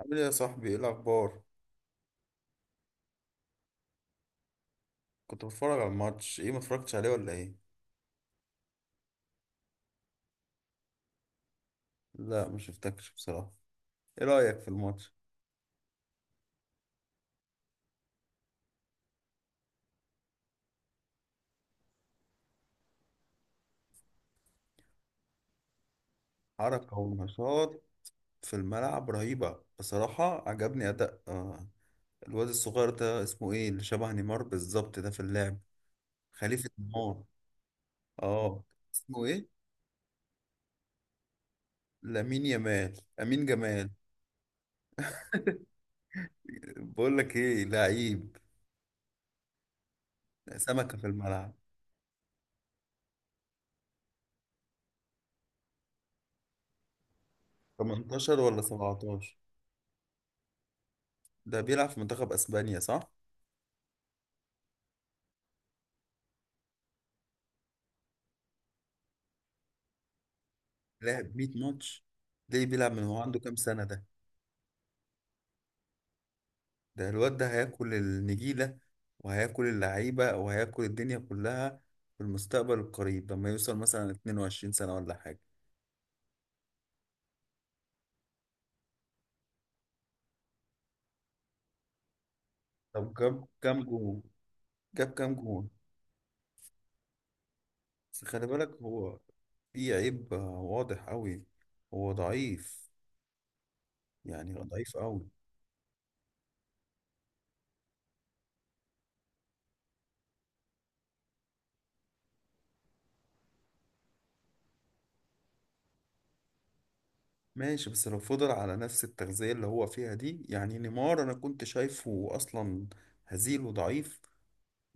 عامل ايه يا صاحبي؟ ايه الاخبار؟ كنت بتفرج على الماتش. ايه، ما اتفرجتش عليه ولا ايه؟ لا، ما شفتكش بصراحه. ايه رايك في الماتش؟ حركه ونشاط في الملعب رهيبه بصراحه، عجبني اداء. الواد الصغير ده اسمه ايه؟ اللي شبه نيمار بالظبط ده في اللعب، خليفه نيمار. اه، اسمه ايه؟ لامين يامال، امين جمال. بقول لك ايه، لعيب سمكه في الملعب. 18 ولا 17؟ ده بيلعب في منتخب اسبانيا صح؟ لعب 100 ماتش؟ ليه بيلعب؟ من هو عنده كام سنة ده؟ ده الواد ده هياكل النجيلة وهياكل اللعيبة وهياكل الدنيا كلها في المستقبل القريب، لما يوصل مثلا 22 سنة ولا حاجة. طب، جاب كام جون؟ جاب كام جون بس خلي بالك، هو في عيب واضح قوي. هو ضعيف، يعني هو ضعيف قوي. ماشي، بس لو فضل على نفس التغذية اللي هو فيها دي. يعني نيمار أنا كنت شايفه أصلا هزيل وضعيف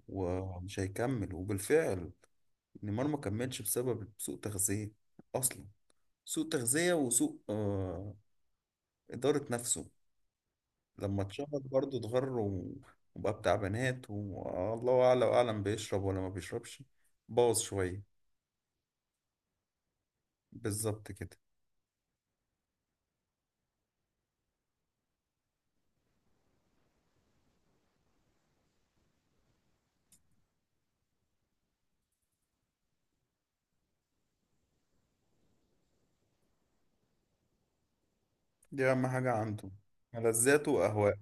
ومش هيكمل، وبالفعل نيمار ما كملش بسبب سوء تغذية أصلا. سوء تغذية، وسوء إدارة نفسه. لما اتشهر برضه اتغر وبقى بتاع بنات، والله أعلى وأعلم بيشرب ولا ما بيشربش، باظ شوية. بالظبط كده. دي أهم حاجة عنده، ملذاته وأهواء.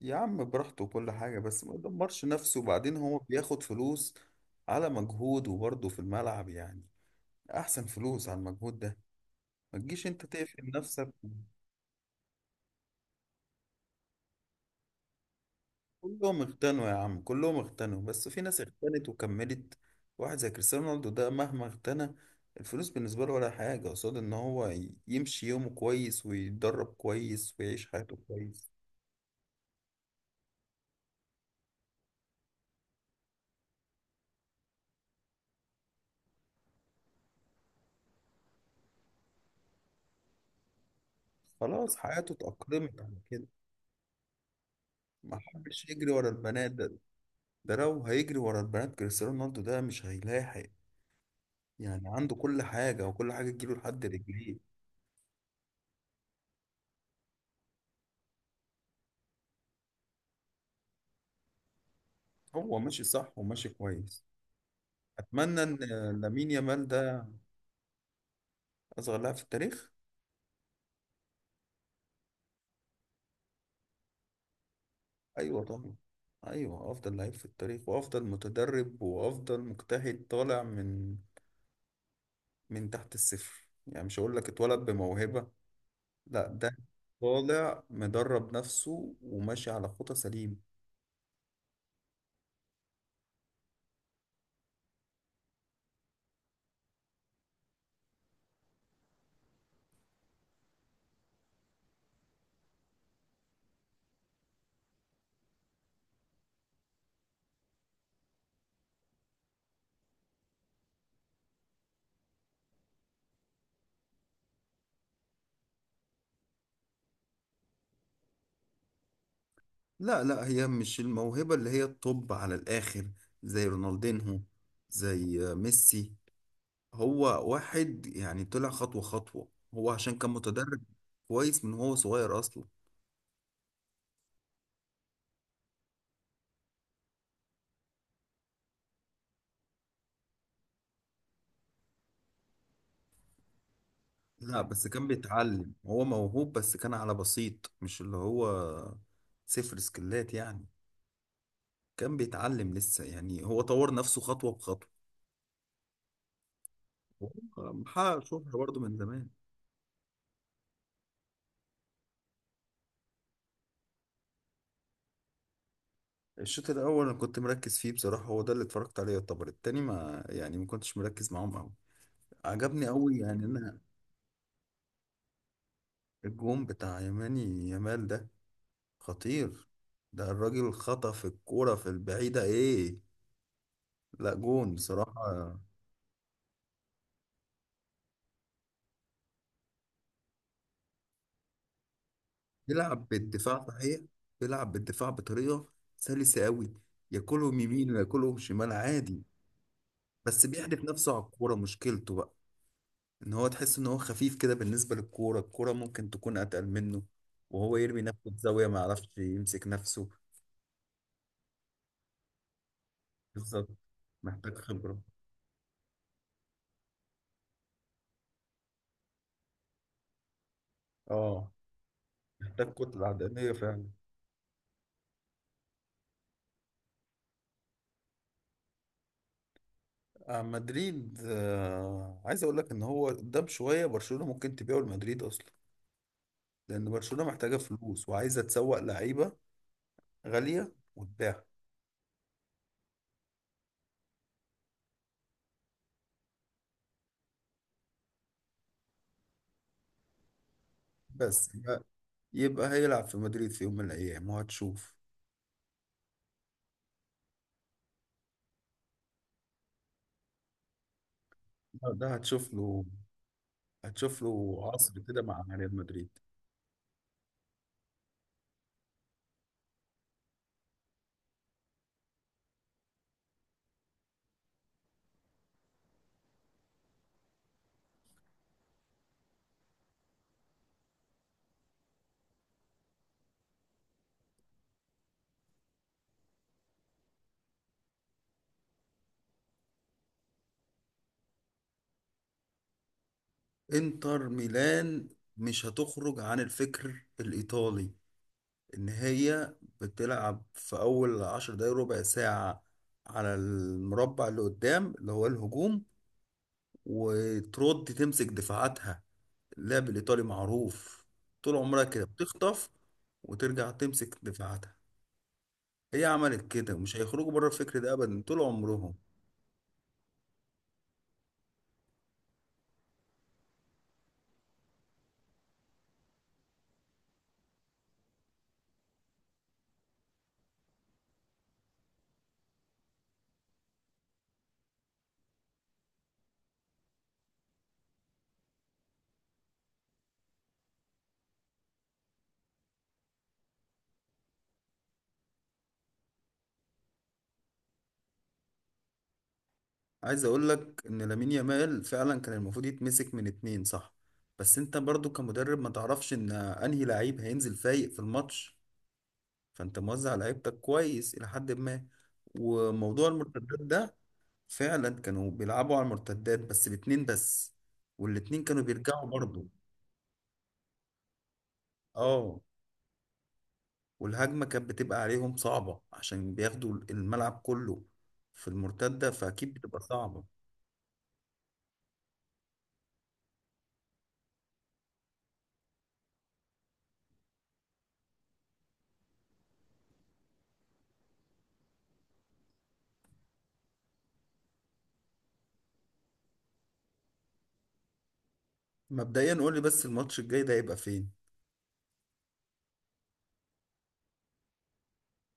يا عم براحته وكل حاجة، بس ما يدمرش نفسه، وبعدين هو بياخد فلوس على مجهوده برضه في الملعب، يعني أحسن فلوس على المجهود ده. ما تجيش أنت تقفل نفسك. كلهم اغتنوا يا عم، كلهم اغتنوا، بس في ناس اغتنت وكملت. واحد زي كريستيانو رونالدو ده مهما اغتنى، الفلوس بالنسبة له ولا حاجة قصاد ان هو يمشي يومه كويس ويتدرب كويس ويعيش حياته كويس. خلاص، حياته اتأقلمت على كده. ما حبش يجري ورا البنات ده. ده لو هيجري ورا البنات كريستيانو رونالدو ده مش هيلاحق. يعني عنده كل حاجة، وكل حاجة تجيله لحد رجليه. هو ماشي صح وماشي كويس. أتمنى إن لامين يامال ده أصغر لاعب في التاريخ. ايوه طبعا، ايوه افضل لعيب في التاريخ وافضل متدرب وافضل مجتهد، طالع من تحت الصفر. يعني مش هقول لك اتولد بموهبة، لا، ده طالع مدرب نفسه وماشي على خطى سليم. لا لا، هي مش الموهبة اللي هي الطب على الآخر زي رونالدينهو، زي ميسي. هو واحد يعني طلع خطوة خطوة، هو عشان كان متدرب كويس من هو صغير أصلا. لا بس كان بيتعلم، هو موهوب بس كان على بسيط، مش اللي هو صفر سكلات يعني. كان بيتعلم لسه، يعني هو طور نفسه خطوة بخطوة، وهو محقق شهرة برضه من زمان. الشوط الأول أنا كنت مركز فيه بصراحة، هو ده اللي اتفرجت عليه. يعتبر التاني ما يعني ما كنتش مركز معاهم أوي. عجبني أوي يعني أنا. الجون بتاع يماني يامال ده خطير. ده الراجل خطف الكورة في البعيدة إيه، لا جون بصراحة. بيلعب بالدفاع صحيح، بيلعب بالدفاع بطريقه سلسه قوي. ياكلهم يمين وياكلهم شمال عادي. بس بيحدف نفسه على الكوره، مشكلته بقى ان هو تحس ان هو خفيف كده بالنسبه للكوره. الكوره ممكن تكون اتقل منه وهو يرمي نفسه في زاويه، ما يعرفش يمسك نفسه. بالظبط، محتاج خبره. اه، محتاج كتله عضليه فعلا. آه، مدريد، عايز اقول لك ان هو قدام شويه برشلونه ممكن تبيعه لمدريد اصلا، لان برشلونه محتاجه فلوس وعايزه تسوق لعيبه غالية وتباع. بس يبقى هيلعب في مدريد في يوم من الأيام وهتشوف. ده هتشوف له، هتشوف له عصر كده مع ريال مدريد. انتر ميلان مش هتخرج عن الفكر الإيطالي، إن هي بتلعب في أول 10 دقايق ربع ساعة على المربع اللي قدام اللي هو الهجوم، وترد تمسك دفاعاتها. اللعب الإيطالي معروف، طول عمرها كده بتخطف وترجع تمسك دفاعاتها. هي عملت كده، ومش هيخرجوا بره الفكر ده ابدا طول عمرهم. عايز اقول لك ان لامين يامال فعلا كان المفروض يتمسك من اتنين صح، بس انت برضو كمدرب ما تعرفش ان انهي لعيب هينزل فايق في الماتش، فانت موزع لعيبتك كويس الى حد ما. وموضوع المرتدات ده فعلا كانوا بيلعبوا على المرتدات بس باتنين بس، والاتنين كانوا بيرجعوا برضو. اه، والهجمة كانت بتبقى عليهم صعبة عشان بياخدوا الملعب كله في المرتدة، فأكيد بتبقى صعبة. مبدئيا قول لي بس الماتش الجاي ده هيبقى فين؟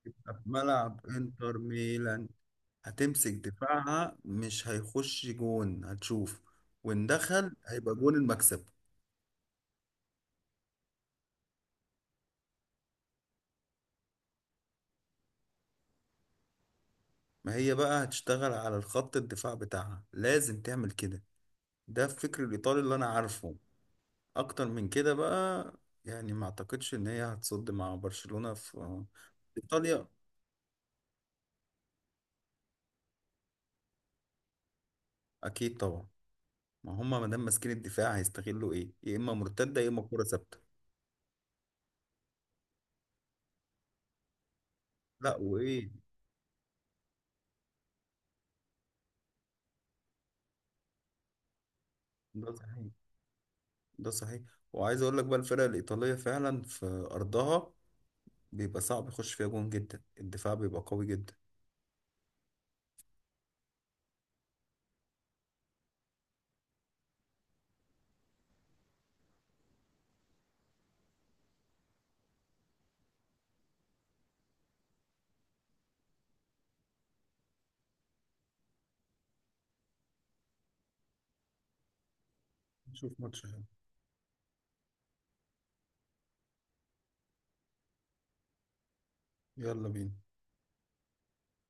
في ملعب انتر ميلان هتمسك دفاعها، مش هيخش جون، هتشوف. وان دخل هيبقى جون المكسب. ما هي بقى هتشتغل على الخط الدفاع بتاعها، لازم تعمل كده، ده الفكر الايطالي اللي انا عارفه. اكتر من كده بقى، يعني ما اعتقدش ان هي هتصد مع برشلونة في ايطاليا. اكيد طبعا، ما هم ما دام ماسكين الدفاع هيستغلوا ايه؟ يا اما مرتدة يا اما كرة ثابتة. لا وايه. ده صحيح، ده صحيح. وعايز اقول لك بقى الفرق الايطاليه فعلا في ارضها بيبقى صعب يخش فيها جون جدا، الدفاع بيبقى قوي جدا. نشوف ماتش حلو. يلا بينا.